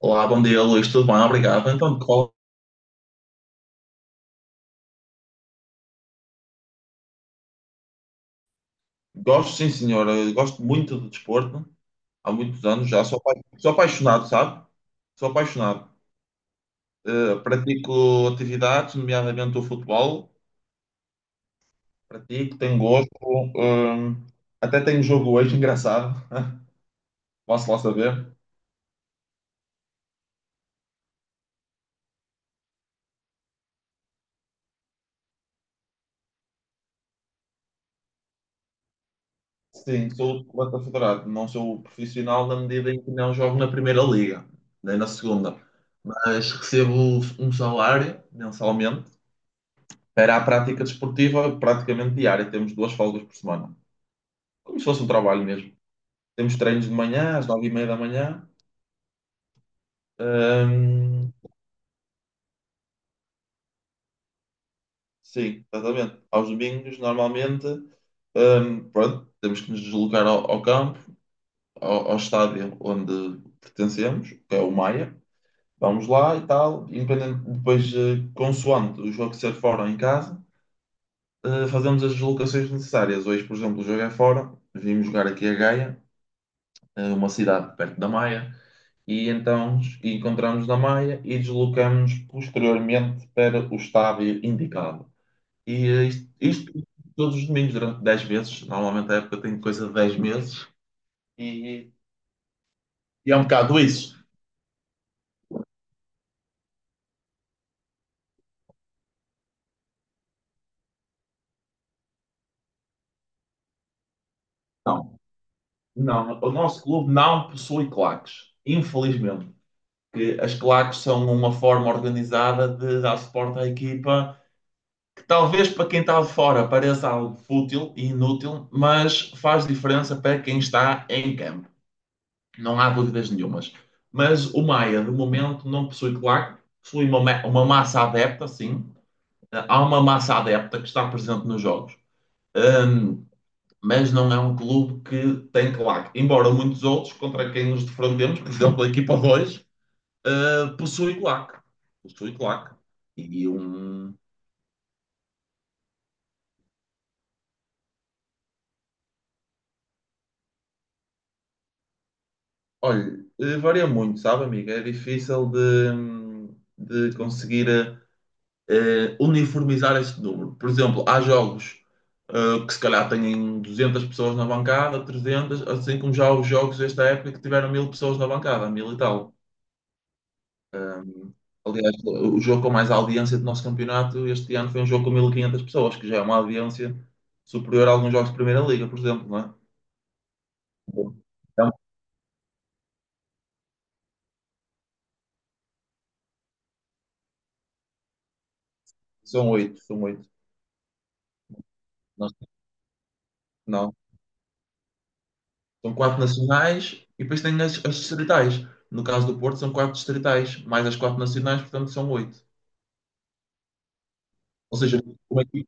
Olá, bom dia, Luís. Tudo bem? Obrigado. Então, de qual? Gosto, sim, senhora. Gosto muito de desporto. Há muitos anos já. Sou, apaixonado, sabe? Sou apaixonado. Pratico atividades, nomeadamente o futebol. Pratico, tenho gosto. hum, Até tenho jogo hoje, engraçado. Posso lá saber? Sim, sou atleta federado. Não sou profissional na medida em que não jogo na primeira liga, nem na segunda. Mas recebo um salário mensalmente. Era a prática desportiva praticamente diária. Temos duas folgas por semana. Como se fosse um trabalho mesmo. Temos treinos de manhã, às 9h30 da manhã. Hum, sim, exatamente. Aos domingos, normalmente, pronto, temos que nos deslocar ao campo, ao estádio onde pertencemos, que é o Maia. Vamos lá e tal. Independente, depois, consoante o jogo ser fora ou em casa, fazemos as deslocações necessárias. Hoje, por exemplo, o jogo é fora. Vimos jogar aqui a Gaia, uma cidade perto da Maia. E então encontramos na Maia e deslocamos posteriormente para o estádio indicado. E isto todos os domingos, durante 10 meses. Normalmente a época tem coisa de 10 meses. E, e é um bocado isso. Não, não, o nosso clube não possui claques. Infelizmente. Que as claques são uma forma organizada de dar suporte à equipa que talvez para quem está de fora pareça algo fútil e inútil, mas faz diferença para quem está em campo. Não há dúvidas nenhumas. Mas o Maia, de momento, não possui, claro, possui uma massa adepta, sim. Há uma massa adepta que está presente nos jogos. Ahm, mas não é um clube que tem claque. Embora muitos outros, contra quem nos defrontemos, por exemplo, a equipa 2, possui claque. Possui claque. E um. Olha, varia muito, sabe, amiga? É difícil de conseguir, uniformizar esse número. Por exemplo, há jogos que se calhar têm 200 pessoas na bancada, 300, assim como já os jogos desta época que tiveram 1.000 pessoas na bancada, 1000 e tal. Ehm, Aliás, o jogo com mais audiência do nosso campeonato este ano foi um jogo com 1.500 pessoas, que já é uma audiência superior a alguns jogos de Primeira Liga, por exemplo, não é? Então, são oito, são oito. Nós. Não, são quatro nacionais e depois tem as distritais. No caso do Porto, são quatro distritais, mais as quatro nacionais, portanto, são oito. Ou seja, como é que.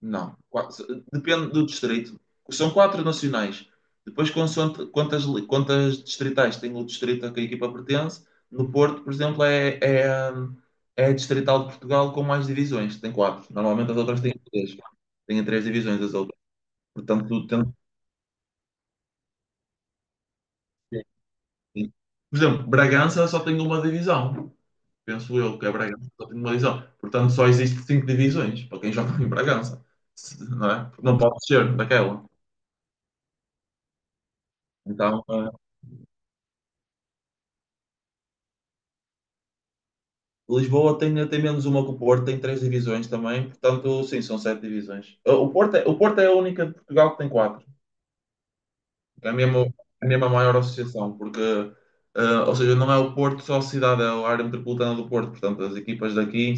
Não. Depende do distrito. São quatro nacionais. Depois, consoante quantas distritais tem o distrito a que a equipa pertence, no Porto, por exemplo, é a distrital de Portugal com mais divisões. Tem quatro. Normalmente as outras têm três. Têm três divisões as outras. Portanto, Por exemplo, Bragança só tem uma divisão. Penso eu que a Bragança só tem uma divisão. Portanto, só existem cinco divisões para quem joga em Bragança. Não é? Não pode ser daquela. Então, Lisboa tem menos uma que o Porto, tem três divisões também, portanto, sim, são sete divisões. O Porto é a única de Portugal que tem quatro, é mesmo, é mesmo a maior associação, porque, ou seja, não é o Porto só a cidade, é a área metropolitana do Porto, portanto, as equipas daqui,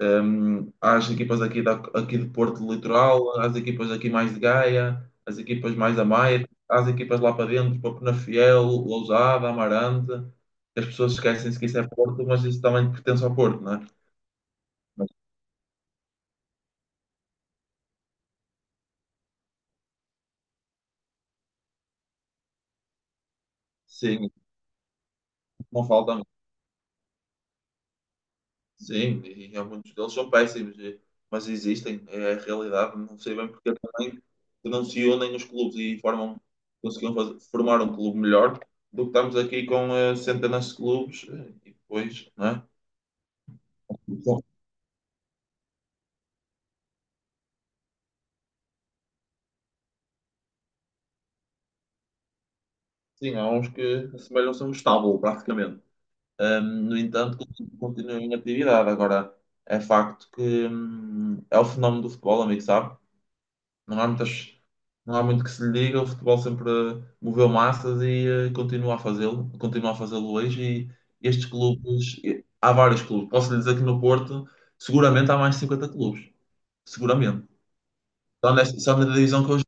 há as equipas aqui de Porto do Litoral, há as equipas aqui mais de Gaia, as equipas mais da Maia, há as equipas lá para dentro, para Penafiel, Lousada, Amarante. As pessoas esquecem-se que isso é Porto, mas isso também pertence ao Porto, né? Mas, sim, não faltam. Sim, e há muitos deles são péssimos, mas existem, é a realidade. Não sei bem porque também que não se unem os clubes e formam, conseguiam formar um clube melhor do que estamos aqui com centenas de clubes e depois, não é? Então, sim, há uns que assemelham-se a um estábulo, praticamente. No entanto, continuam em atividade. Agora, é facto que é o fenómeno do futebol, amigo, sabe? Não há muitas, não há muito que se lhe diga. O futebol sempre moveu massas e continua a fazê-lo hoje. E estes clubes, há vários clubes. Posso lhe dizer que no Porto seguramente há mais de 50 clubes, seguramente. Só na divisão que hoje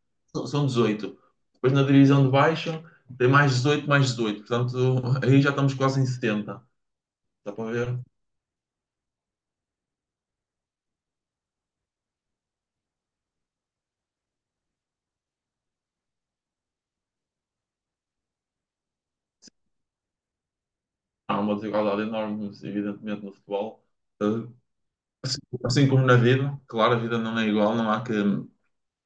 são 18. Depois na divisão de baixo tem mais 18 mais 18. Portanto, aí já estamos quase em 70. Dá para ver? Há uma desigualdade enorme, evidentemente, no futebol. Eh, Assim assim como na vida, claro, a vida não é igual, não há que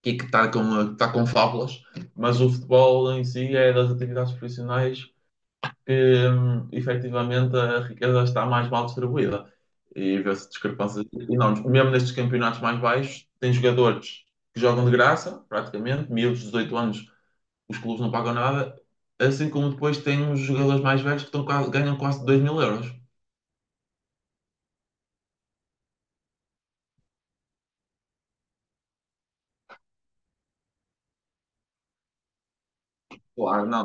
e que está com, tá com fábulas, mas o futebol em si é das atividades profissionais que efetivamente a riqueza está mais mal distribuída e vê-se discrepâncias enormes. Mesmo nestes campeonatos mais baixos, tem jogadores que jogam de graça, praticamente, miúdos de 18 anos, os clubes não pagam nada, assim como depois tem os jogadores mais velhos que estão ganham quase 2.000 euros. Claro, não.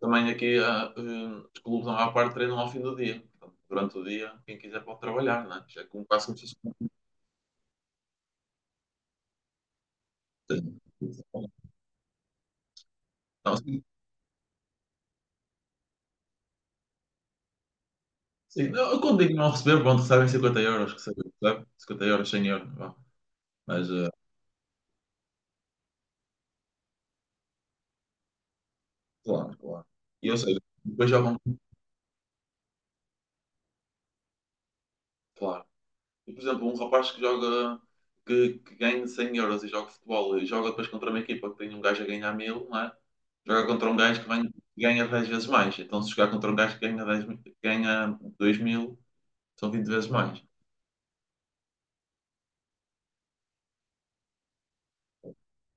Também aqui os clubes, a maior parte, treinam ao fim do dia. Portanto, durante o dia, quem quiser pode trabalhar, né? Já é como quase como se fosse. Não, sim, sim. Não, eu quando digo não receber, pronto, recebem 50 euros, recebem 50 euros, 100 euros, vá. Mas, claro, claro. E eu sei, depois jogam, claro. E, por exemplo, um rapaz que joga, que ganha 100 euros e joga futebol e joga depois contra uma equipa que tem um gajo a ganhar mil, não é? Joga contra um gajo que ganha 10 vezes mais. Então, se jogar contra um gajo que ganha 10, que ganha 2000. São 20 vezes mais.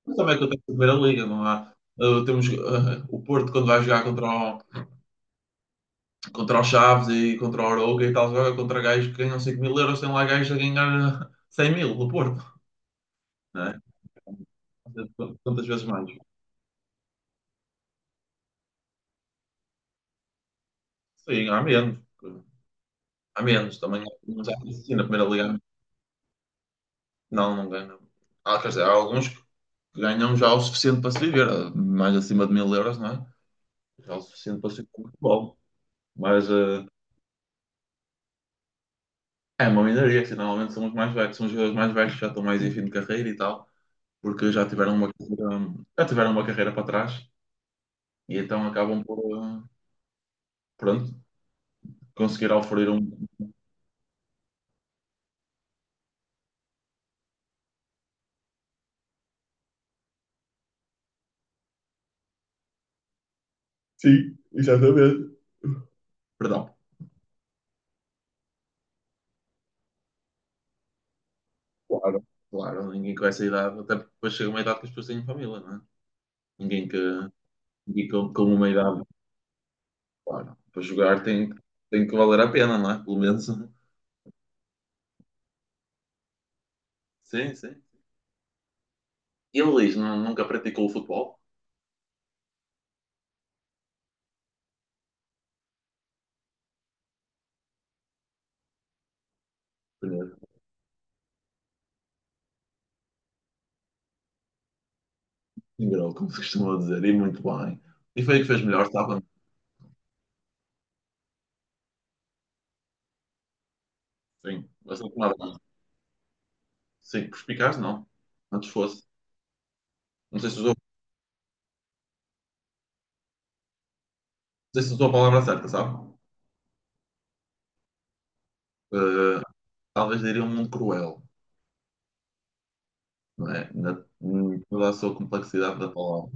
Mas também acontece na Primeira Liga, não há. Temos o Porto quando vai jogar contra o Chaves e contra o Arouca e tal, joga contra gajos que ganham 5 mil euros, tem lá gajos a ganhar 100 mil no Porto, não é? Quantas vezes mais? Sim, há menos. Há menos também. Mas há, sim, na Primeira Liga não, não ganham. Há, quer dizer, há alguns que ganham já o suficiente para se viver, mais acima de mil euros, não é? Já o suficiente para se viver com o futebol. Mas, é uma minoria, assim, normalmente são os mais velhos, são os jogadores mais velhos que já estão mais em fim de carreira e tal, porque já tiveram uma carreira, já tiveram uma carreira para trás e então acabam por, pronto, conseguir oferir um. Sim, exatamente. Perdão. Claro. Claro, ninguém com essa idade, até porque depois chega uma idade que as pessoas têm família, não é? Ninguém que, ninguém com uma idade, claro, para jogar tem, que valer a pena, não é? Pelo menos. Sim, sim. E o Luís, nunca praticou o futebol? Ingrou, como se costuma dizer, e muito bem. E foi aí que fez melhor, estava. Sim, bastante nada. Sim, perspicaz, não. Antes fosse. Não sei se usou a palavra certa, sabe? Eh, Talvez diria um mundo cruel, não é? Na, em toda a sua complexidade da palavra.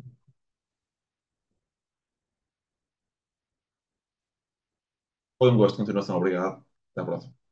Foi um gosto, continuação, obrigado. Até à próxima.